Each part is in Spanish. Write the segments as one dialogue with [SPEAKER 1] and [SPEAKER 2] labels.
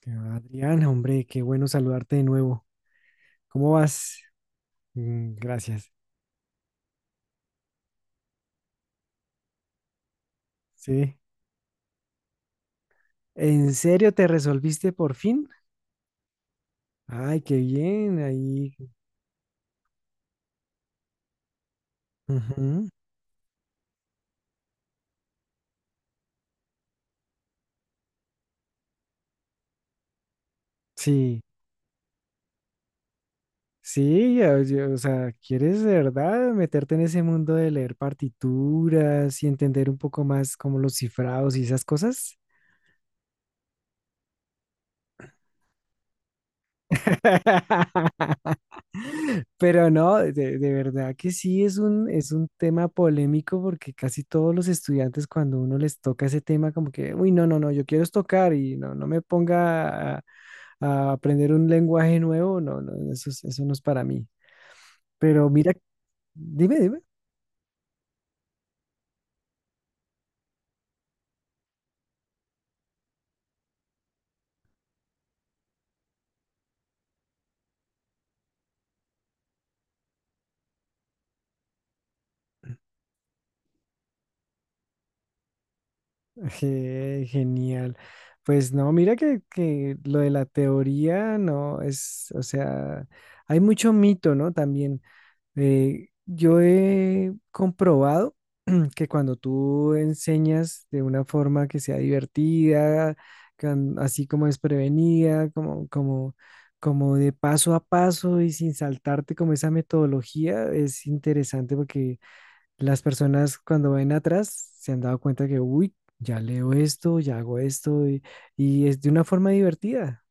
[SPEAKER 1] Que va, Adriana, hombre, qué bueno saludarte de nuevo. ¿Cómo vas? Mm, gracias. Sí. ¿En serio te resolviste por fin? Ay, qué bien, ahí. Ujú. Sí, sí, ya, o sea, ¿quieres de verdad meterte en ese mundo de leer partituras y entender un poco más como los cifrados y esas cosas? Pero no, de verdad que sí es un, tema polémico porque casi todos los estudiantes cuando uno les toca ese tema como que, uy, no, no, no, yo quiero es tocar y no, no me ponga a aprender un lenguaje nuevo, no, no, no, eso, eso no es para mí. Pero mira, dime, dime. Genial. Pues no, mira que lo de la teoría no es, o sea, hay mucho mito, ¿no? También. Yo he comprobado que cuando tú enseñas de una forma que sea divertida, así como desprevenida, como de paso a paso y sin saltarte como esa metodología, es interesante porque las personas cuando ven atrás se han dado cuenta que, uy, ya leo esto, ya hago esto y es de una forma divertida.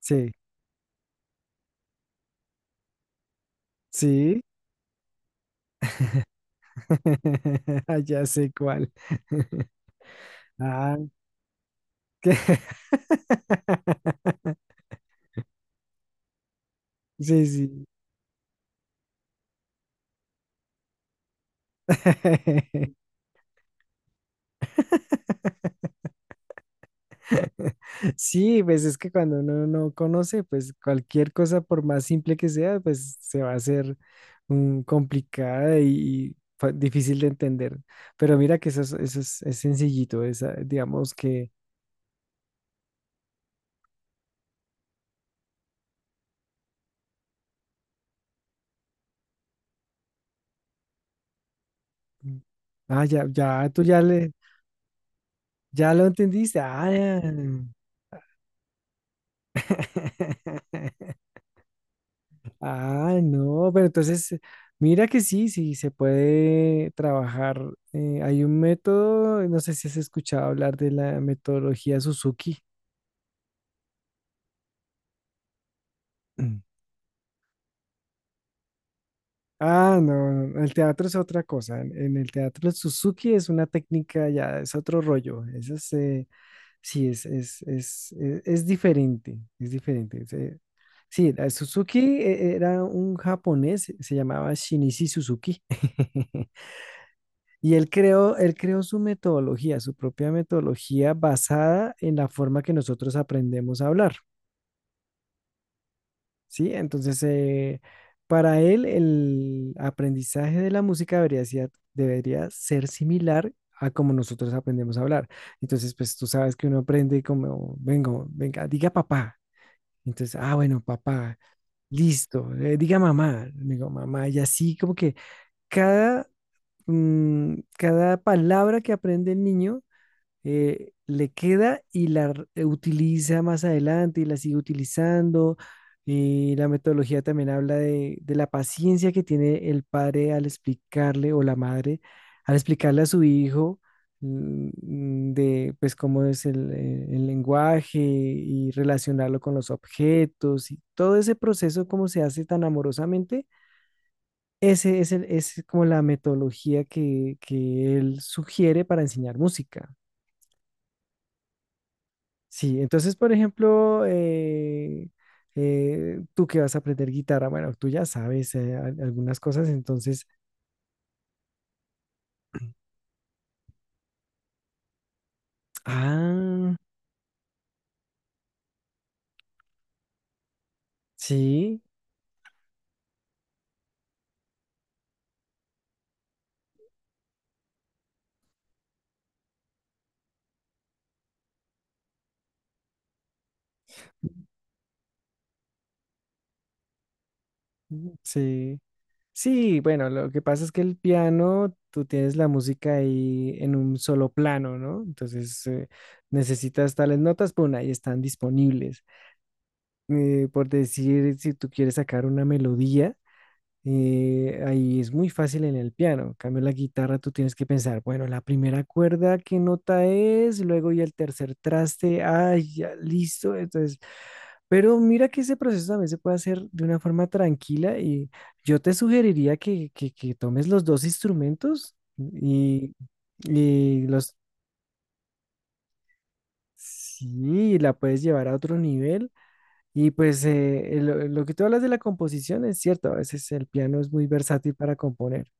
[SPEAKER 1] Sí, sí. Ya sé cuál. Ah. ¿Qué? Sí, sí. Sí, pues es que cuando uno no conoce, pues cualquier cosa, por más simple que sea, pues se va a hacer complicada y difícil de entender. Pero mira que eso es, es sencillito, esa, digamos que, mm, ah, ya, ya, ya lo entendiste. Ah, ya. Ah, no, pero entonces, mira que sí, sí, se puede trabajar. Hay un método, no sé si has escuchado hablar de la metodología Suzuki. Mm. Ah, no, no, el teatro es otra cosa. En el teatro Suzuki es una técnica ya, es otro rollo. Eso es, sí, es diferente. Sí, la Suzuki era un japonés, se llamaba Shinichi Suzuki. Y él creó su metodología, su propia metodología basada en la forma que nosotros aprendemos a hablar, ¿sí? Entonces, para él, el aprendizaje de la música debería ser, similar a como nosotros aprendemos a hablar. Entonces, pues tú sabes que uno aprende como, venga, diga papá. Entonces, ah, bueno, papá, listo, diga mamá, digo mamá, y así como que cada, cada palabra que aprende el niño le queda y utiliza más adelante y la sigue utilizando. Y la metodología también habla de la paciencia que tiene el padre al explicarle o la madre al explicarle a su hijo mm, de pues cómo es el lenguaje y relacionarlo con los objetos y todo ese proceso cómo se hace tan amorosamente. Es como la metodología que él sugiere para enseñar música. Sí, entonces, por ejemplo, tú que vas a aprender guitarra, bueno, tú ya sabes algunas cosas, entonces, ah, sí, sí, sí, bueno, lo que pasa es que el piano, tú tienes la música ahí en un solo plano, ¿no? Entonces, necesitas tales notas, pues ahí están disponibles. Por decir, si tú quieres sacar una melodía. Ahí es muy fácil en el piano. En cambio, la guitarra tú tienes que pensar, bueno, la primera cuerda, ¿qué nota es? Luego y el tercer traste, ay, ya, listo. Entonces, pero mira que ese proceso también se puede hacer de una forma tranquila y yo te sugeriría que tomes los dos instrumentos y los, sí, la puedes llevar a otro nivel. Y pues lo que tú hablas de la composición es cierto, a veces el piano es muy versátil para componer.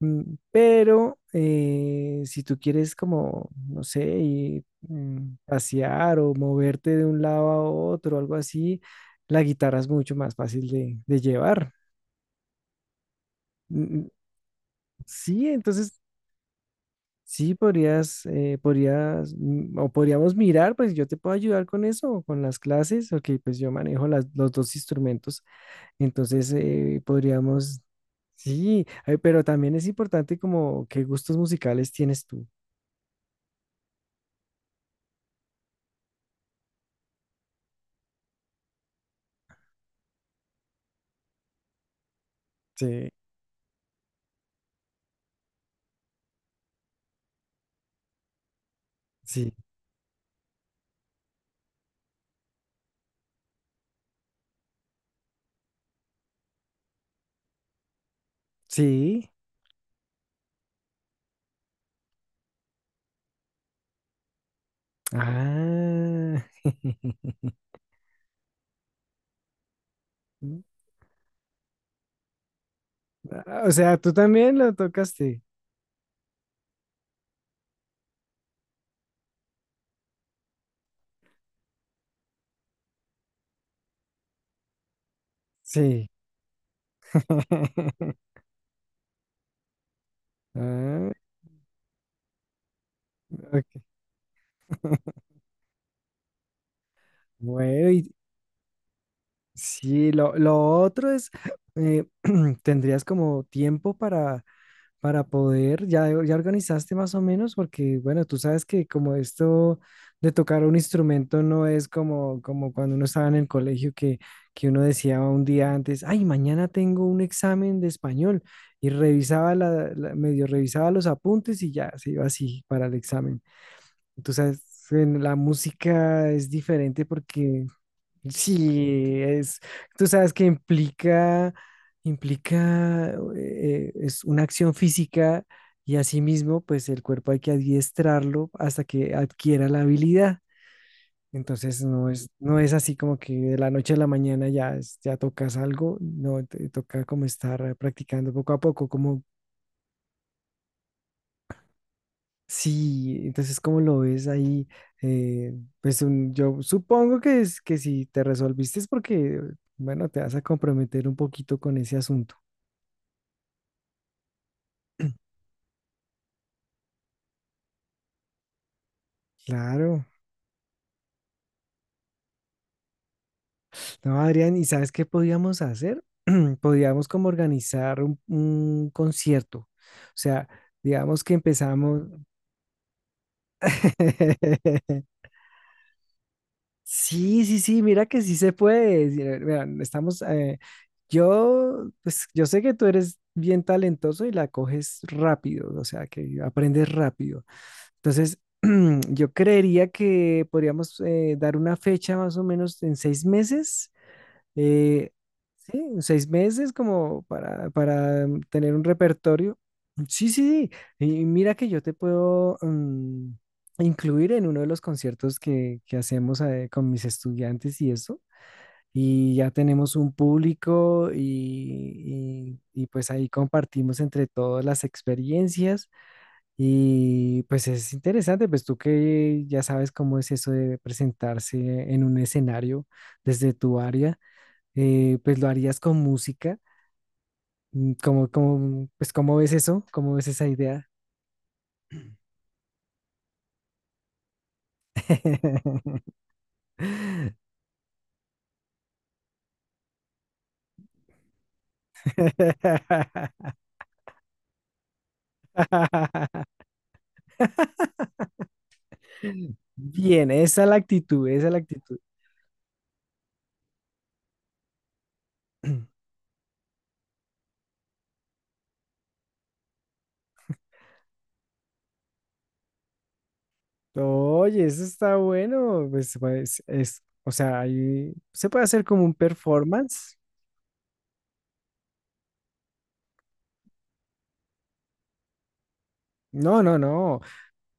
[SPEAKER 1] Pero si tú quieres como, no sé, ir, pasear o moverte de un lado a otro, algo así, la guitarra es mucho más fácil de, llevar. Mm, mm. Sí, entonces sí podrías, o podríamos mirar, pues yo te puedo ayudar con eso, con las clases, porque pues yo manejo los dos instrumentos, entonces podríamos, sí, pero también es importante como qué gustos musicales tienes tú. Sí. Sí, sí. Ah. Ah, o sea, tú también lo tocaste. Sí. Ah, ok. Bueno, y sí, lo otro es, eh, tendrías como tiempo para poder, ya organizaste más o menos, porque bueno, tú sabes que como esto de tocar un instrumento no es como cuando uno estaba en el colegio que uno decía un día antes, ay, mañana tengo un examen de español y revisaba la, medio revisaba los apuntes y ya se iba así para el examen. Tú sabes, en la música es diferente porque sí, tú sabes que implica, es una acción física y asimismo, pues el cuerpo hay que adiestrarlo hasta que adquiera la habilidad. Entonces no es así como que de la noche a la mañana ya, ya tocas algo, no, te toca como estar practicando poco a poco, como. Sí, entonces, ¿cómo lo ves ahí? Eh, pues yo supongo que si te resolviste es porque, bueno, te vas a comprometer un poquito con ese asunto. Claro. No, Adrián, ¿y sabes qué podíamos hacer? Podíamos como organizar un concierto. O sea, digamos que empezamos. Sí, sí, sí, mira que sí se puede. Sí, mira, estamos, pues yo sé que tú eres bien talentoso y la coges rápido, o sea, que aprendes rápido. Entonces, yo creería que podríamos dar una fecha más o menos en 6 meses eh, sí, 6 meses como para tener un repertorio. Sí, sí, sí. Y mira que yo te puedo incluir en uno de los conciertos que hacemos con mis estudiantes y eso. Y ya tenemos un público y pues ahí compartimos entre todas las experiencias. Y pues es interesante, pues tú que ya sabes cómo es eso de presentarse en un escenario desde tu área pues lo harías con música. ¿Cómo ves eso? ¿Cómo ves esa idea? Bien, esa es la actitud, esa es la actitud. Oye, eso está bueno. Pues, o sea, ahí se puede hacer como un performance. No, no, no.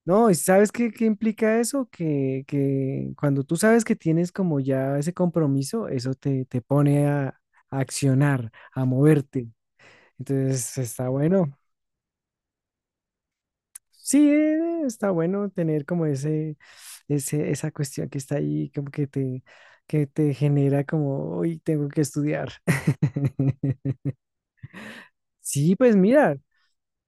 [SPEAKER 1] No, ¿y sabes qué implica eso? Que cuando tú sabes que tienes como ya ese compromiso, eso te pone a, accionar, a moverte. Entonces está bueno. Sí, está bueno tener como esa cuestión que está ahí, como que que te genera como, hoy tengo que estudiar. Sí, pues mira.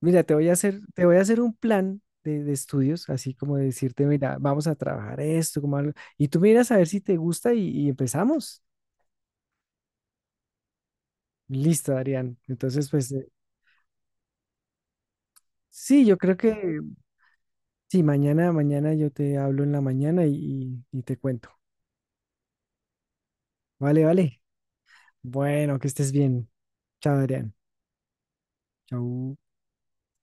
[SPEAKER 1] Mira, te voy a hacer un plan de estudios, así como de decirte, mira, vamos a trabajar esto, como algo, y tú miras a ver si te gusta y empezamos. Listo, Adrián. Entonces, pues sí, yo creo que sí, mañana yo te hablo en la mañana y te cuento. Vale, vale. Bueno, que estés bien. Chao, Adrián. Chao.